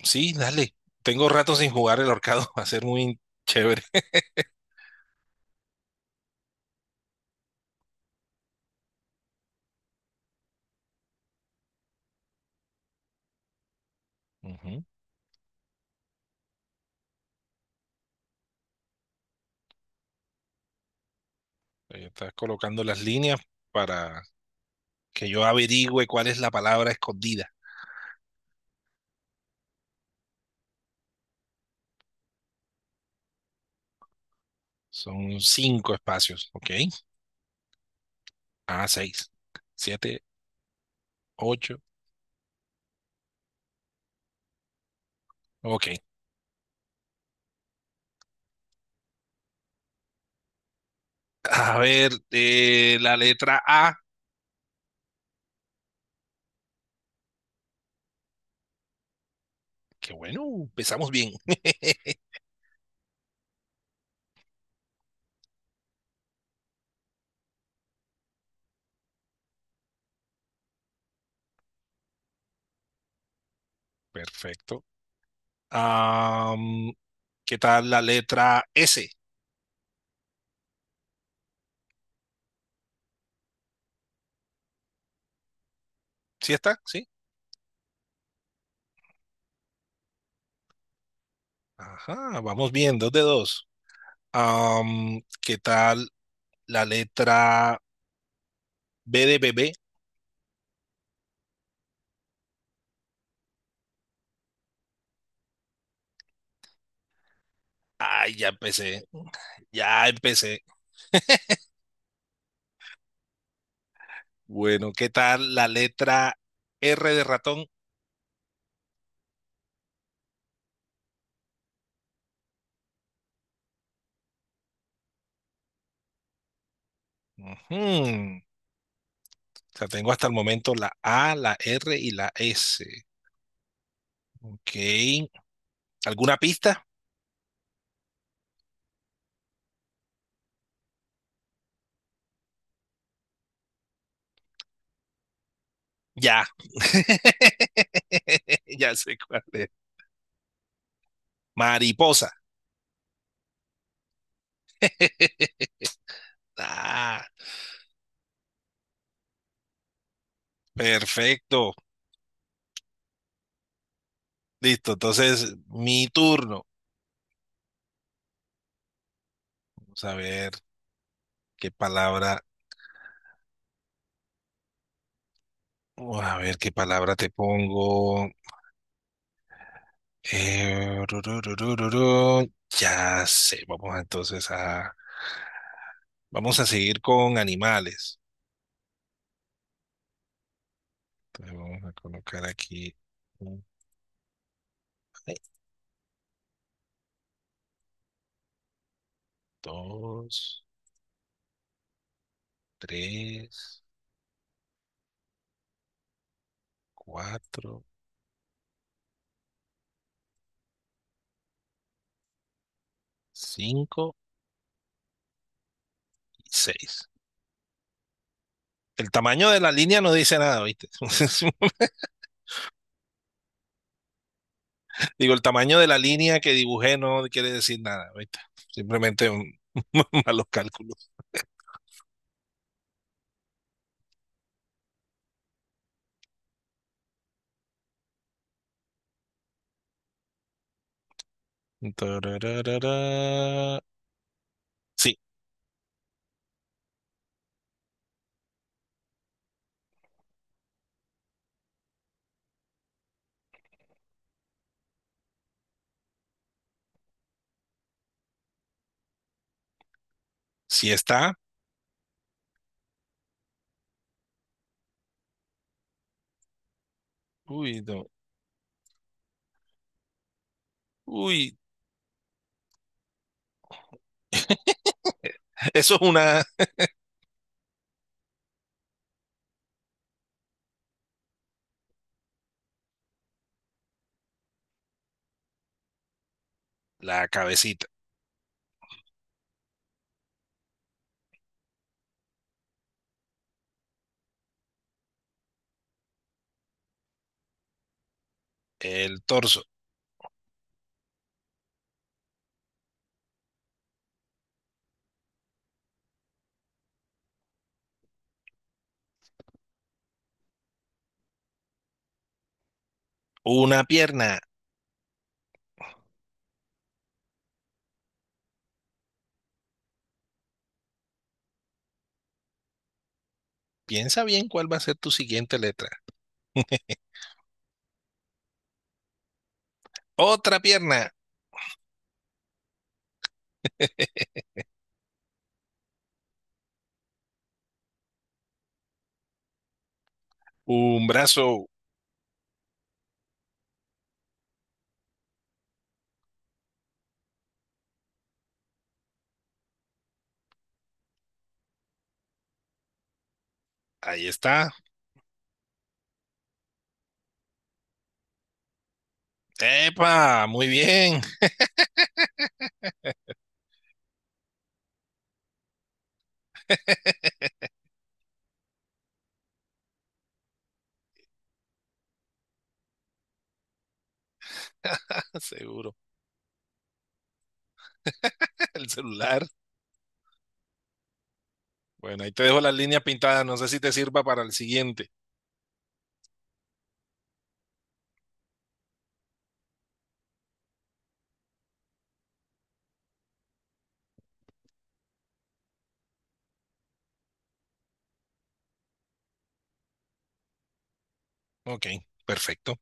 Sí, dale. Tengo rato sin jugar el ahorcado. Va a ser muy chévere. Ujú. Ahí estás colocando las líneas para que yo averigüe cuál es la palabra escondida. Son cinco espacios, ¿ok? Ah, seis, siete, ocho. Ok. A ver, la letra A. Qué bueno, empezamos bien. Perfecto. Am, ¿Qué tal la letra S? ¿Sí está? ¿Sí? Ajá, vamos bien, dos de dos. ¿Qué tal la letra B de bebé? Ay, ya empecé, ya empecé. Bueno, ¿qué tal la letra R de ratón? Ujú. O sea, tengo hasta el momento la A, la R y la S. Ok. ¿Alguna pista? Ya. Ya sé cuál es. Mariposa. Ah. Perfecto. Listo. Entonces, mi turno. Vamos a ver qué palabra, oh, a ver qué palabra te pongo. Ru, ru, ru, ru, ru, ru. Ya sé. Vamos entonces a, vamos a seguir con animales. Entonces, vamos a colocar aquí un, dos, tres, cuatro, cinco y seis. El tamaño de la línea no dice nada, ¿viste? Digo, el tamaño de la línea que dibujé no quiere decir nada, ¿viste? Simplemente un, malos cálculos. Sí, sí está. Uy, no. Uy, eso es una, la cabecita, el torso, una pierna. Piensa bien cuál va a ser tu siguiente letra. Otra pierna, un brazo. Ahí está. ¡Epa! Muy bien. Seguro. El celular. Bueno, ahí te dejo las líneas pintadas. No sé si te sirva para el siguiente. Ok, perfecto.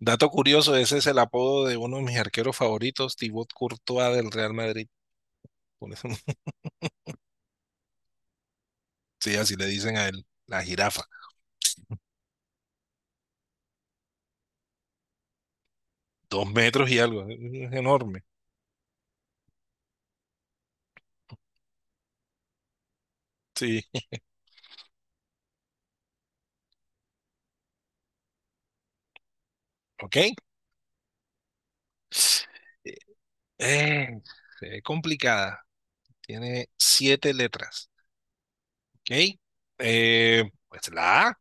Dato curioso, ese es el apodo de uno de mis arqueros favoritos, Thibaut Courtois del Real Madrid. Por eso, sí, así le dicen a él, la jirafa. 2 metros y algo, es enorme. Sí, ok. Eh, eh, se ve complicada. Tiene siete letras. Ok. Pues la A,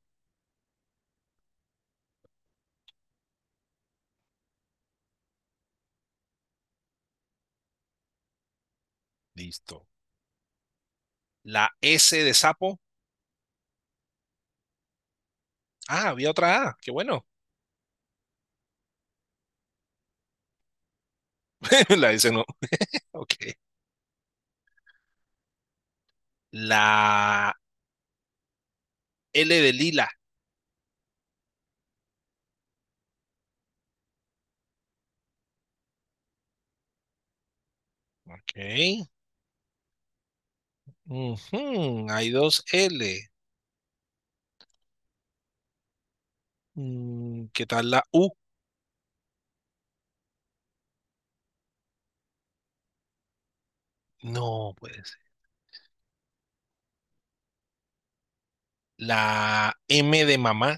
listo. La S de sapo. Ah, había otra A, qué bueno. La S no. Ok. La L de lila. Ok. Ujú, hay dos L. ¿Qué tal la U? No, puede ser. La M de mamá.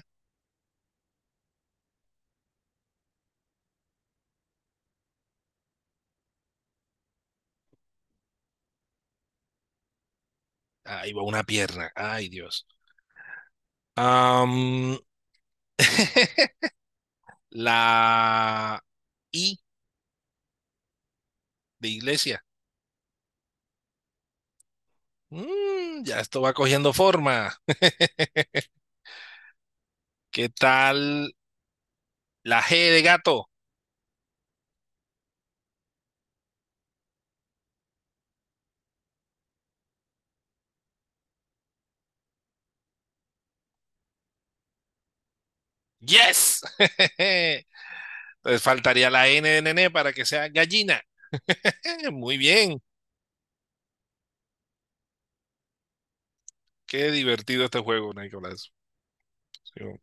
Ahí va una pierna. Ay, Dios. Am, la I de iglesia. Ya esto va cogiendo forma. ¿Qué tal la G de gato? ¡Yes! Entonces faltaría la N de nene para que sea gallina. Muy bien. Qué divertido este juego, Nicolás. Sí.